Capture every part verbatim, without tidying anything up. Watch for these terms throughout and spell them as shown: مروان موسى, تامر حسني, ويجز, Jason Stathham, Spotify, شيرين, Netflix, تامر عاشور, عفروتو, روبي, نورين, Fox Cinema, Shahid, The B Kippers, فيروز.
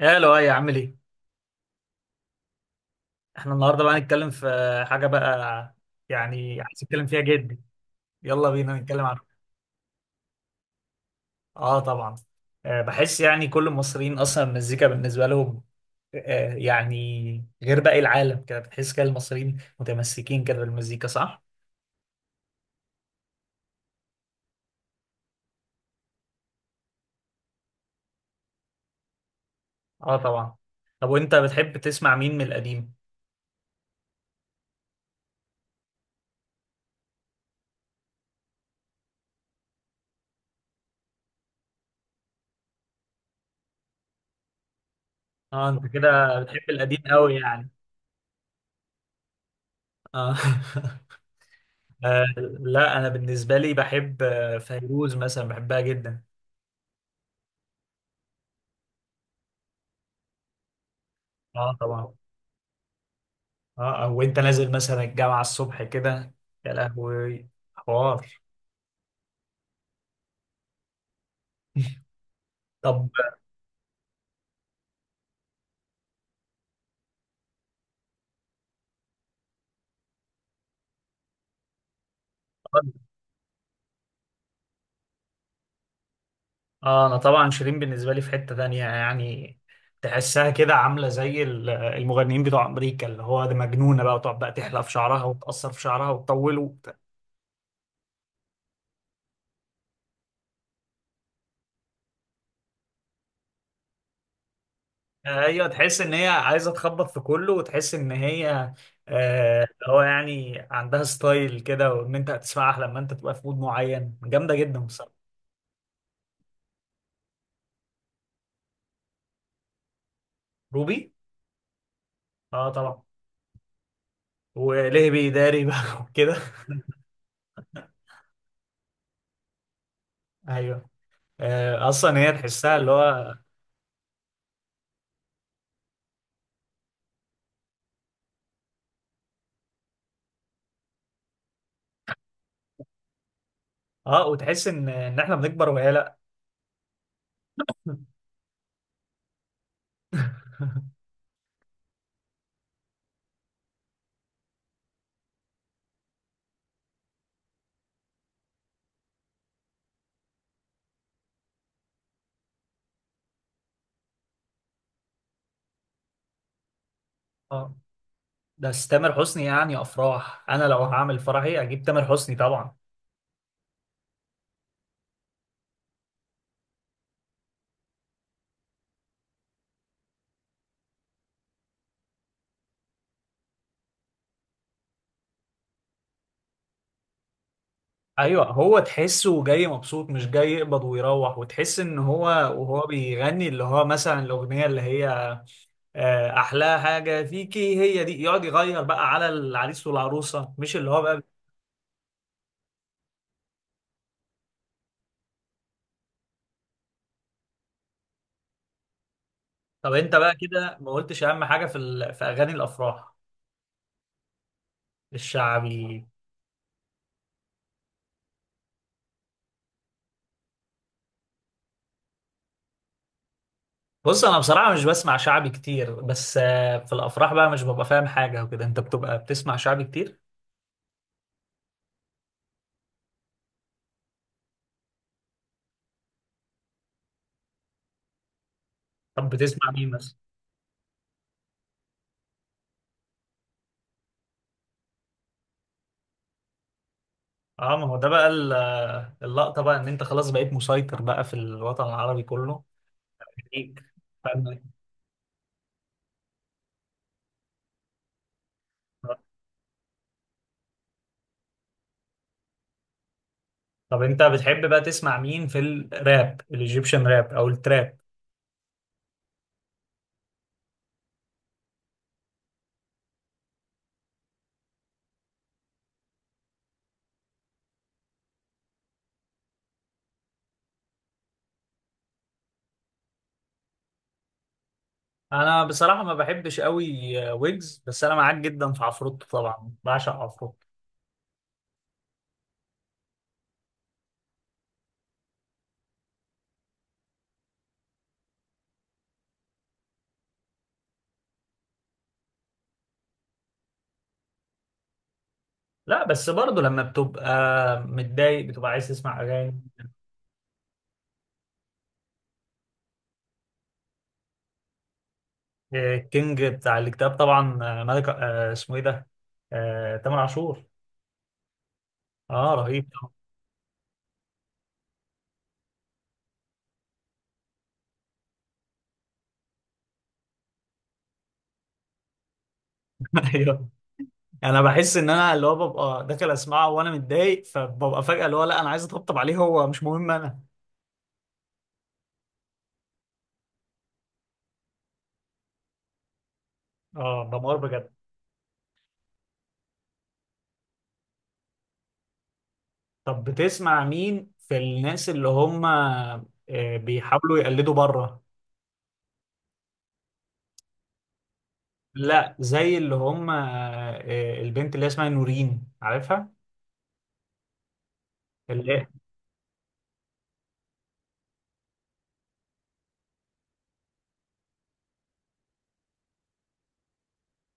يا لؤي، عامل ايه؟ احنا النهارده بقى هنتكلم في حاجه بقى، يعني عايز اتكلم فيها جدا. يلا بينا نتكلم عنها. اه، طبعا. آه بحس يعني كل المصريين اصلا المزيكا بالنسبه لهم، آه يعني غير باقي العالم كده. بتحس كده المصريين متمسكين كده بالمزيكا، صح؟ اه، طبعا. طب وانت بتحب تسمع مين من القديم؟ اه، انت كده بتحب القديم قوي يعني. اه. آه، لا، انا بالنسبه لي بحب آه، فيروز مثلا، بحبها جدا. اه، طبعا. اه، او انت نازل مثلا الجامعه الصبح كده. يا لهوي! حوار. طب. اه، انا طبعا شيرين بالنسبه لي في حته تانية يعني. تحسها كده عامله زي ال- المغنيين بتوع امريكا، اللي هو ده، مجنونه بقى وتقعد بقى تحلق في شعرها وتقصر في شعرها وتطوله وت- ايوه، تحس ان هي عايزه تخبط في كله وتحس ان هي آه، اللي هو يعني عندها ستايل كده، وان انت هتسمعها لما انت تبقى في مود معين. جامده جدا بصراحه. روبي. اه، طبعا. وليه بيداري بقى وكده. ايوه. آه، اصلا هي تحسها اللي هو. اه، وتحس ان ان احنا بنكبر وهي لا. اه. بس تامر حسني يعني افراح، انا لو هعمل فرحي اجيب تامر حسني طبعا. ايوه، هو تحسه جاي مبسوط، مش جاي يقبض ويروح. وتحس ان هو وهو بيغني اللي هو مثلا الاغنيه اللي هي آه، احلى حاجه فيكي هي دي، يقعد يغير بقى على العريس والعروسه، مش اللي هو بقى. طب، انت بقى كده ما قلتش اهم حاجه في ال... في اغاني الافراح. الشعبي. بص، انا بصراحه مش بسمع شعبي كتير، بس آه، في الافراح بقى مش ببقى فاهم حاجه وكده. انت بتبقى بتسمع شعبي كتير. طب بتسمع مين مثلا؟ اه، ما هو ده بقى ال- آه، اللقطه، بقى ان انت خلاص بقيت مسيطر بقى في الوطن العربي كله. ليك. فاهم؟ طب انت بتحب بقى تسمع مين في الراب، الايجيبشن راب او التراب؟ انا بصراحه ما بحبش قوي آه، ويجز، بس انا معاك جدا في عفروتو، طبعا بعشق عفروتو. لا، بس برضه لما بتبقى متضايق بتبقى عايز تسمع اغاني. الكينج بتاع الكتاب طبعا، آه، ملك، آه، اسمه ايه ده؟ آه، تامر عاشور. اه، رهيب طبعا. ايوه. انا بحس ان انا اللي هو ببقى داخل اسمعه وانا متضايق، فببقى فجأة اللي هو لا، انا عايز اطبطب عليه، هو مش مهم انا. اه، دمار بجد. طب بتسمع مين في الناس اللي هم آه، بيحاولوا يقلدوا بره؟ لا، زي اللي هم آه، البنت اللي هي اسمها نورين، عارفها؟ اللي هي-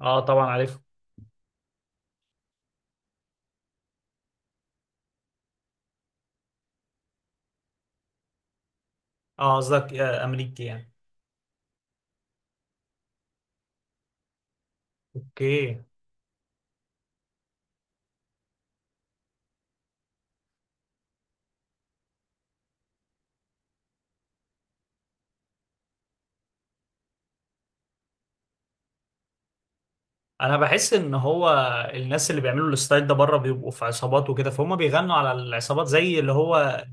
اه طبعا عارفها. اه، قصدك آه، امريكي يعني. اوكي. انا بحس ان هو الناس اللي بيعملوا الستايل ده بره بيبقوا في عصابات وكده، فهم بيغنوا على العصابات، زي اللي هو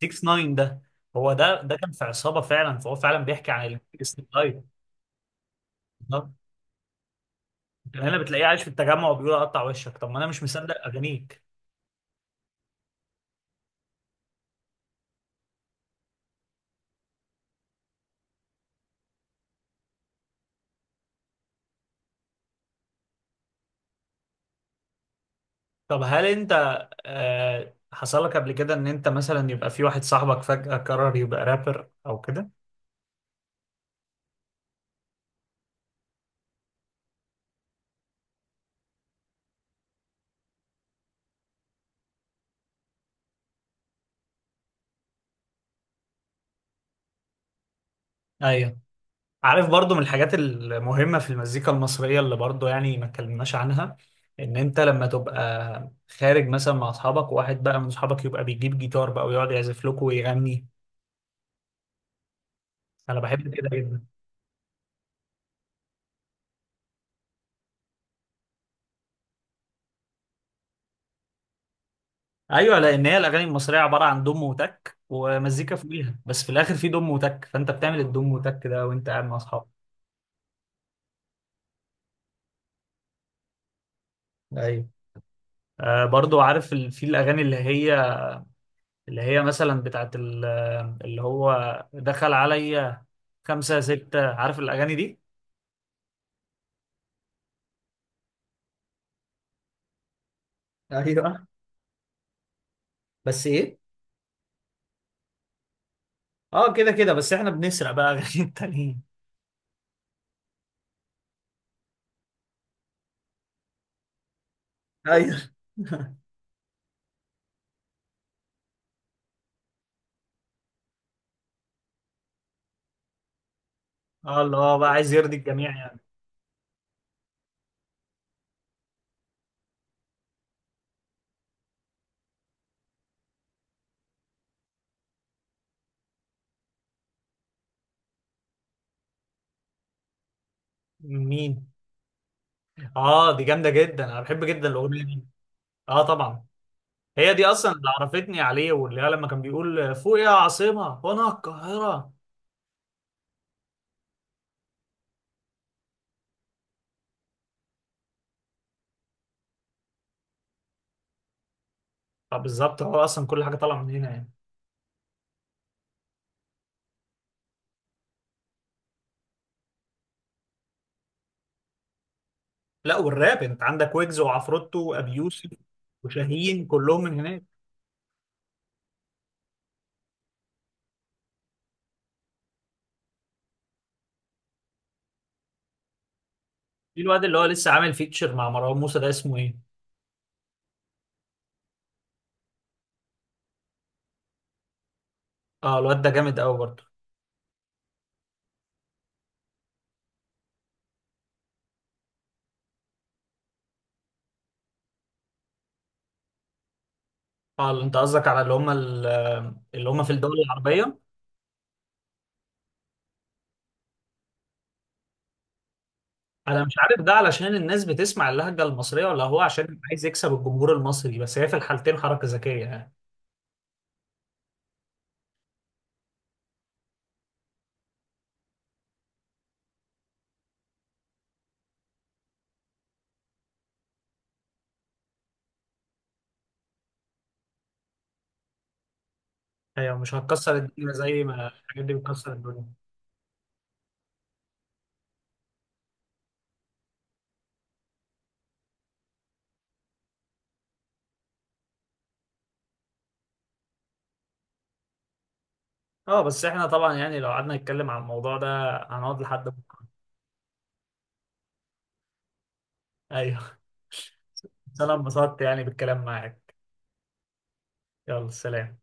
سيكس ناين ده. هو ده ده كان في عصابه فعلا، فهو فعلا بيحكي عن الستايل. ده كان هنا بتلاقيه عايش في التجمع وبيقول اقطع وشك. طب ما انا مش مصدق اغانيك. طب هل انت آه حصل لك قبل كده ان انت مثلا يبقى في واحد صاحبك فجأة قرر يبقى رابر او كده؟ ايوه، عارف برضو من الحاجات المهمة في المزيكا المصرية اللي برضو يعني ما اتكلمناش عنها، ان انت لما تبقى خارج مثلا مع اصحابك، وواحد بقى من اصحابك يبقى بيجيب جيتار بقى ويقعد يعزف لكم ويغني. انا بحب كده جدا. ايوه، لان هي الاغاني المصرية عبارة عن دم وتك ومزيكا فوقيها، بس في الاخر في دم وتك. فانت بتعمل الدم وتك ده وانت قاعد مع اصحابك. ايوه. آه برضو عارف ال- في الاغاني اللي هي اللي هي مثلا بتاعت ال- اللي هو دخل عليا خمسة ستة، عارف الاغاني دي؟ ايوه. بس ايه؟ اه، كده كده بس احنا بنسرق بقى غير التانيين. ايوه. اه، اللي هو بقى عايز يرضي الجميع يعني. مين؟ اه، دي جامده جدا. انا بحب جدا الاغنيه دي. اه طبعا. هي دي اصلا اللي عرفتني عليه، واللي هي لما كان بيقول فوق يا عاصمه وانا القاهره. فبالظبط، هو اصلا كل حاجه طالعه من هنا يعني. لا، والراب انت عندك ويجز وعفروتو وابي يوسف وشاهين، كلهم من هناك. في الواد اللي هو لسه عامل فيتشر مع مروان موسى ده، اسمه ايه؟ اه، الواد ده جامد قوي برضه. اه، انت قصدك على اللي هم ال- اللي هم في الدول العربية. انا مش عارف ده علشان الناس بتسمع اللهجة المصرية ولا هو عشان عايز يكسب الجمهور المصري؟ بس هي في الحالتين حركة ذكية يعني. هي مش هتكسر الدنيا زي ما الحاجات دي بتكسر الدنيا. اه، بس احنا طبعا يعني لو قعدنا نتكلم عن الموضوع ده هنقعد لحد بكرة. ايوه. بس انا انبسطت يعني بالكلام معاك. يلا سلام.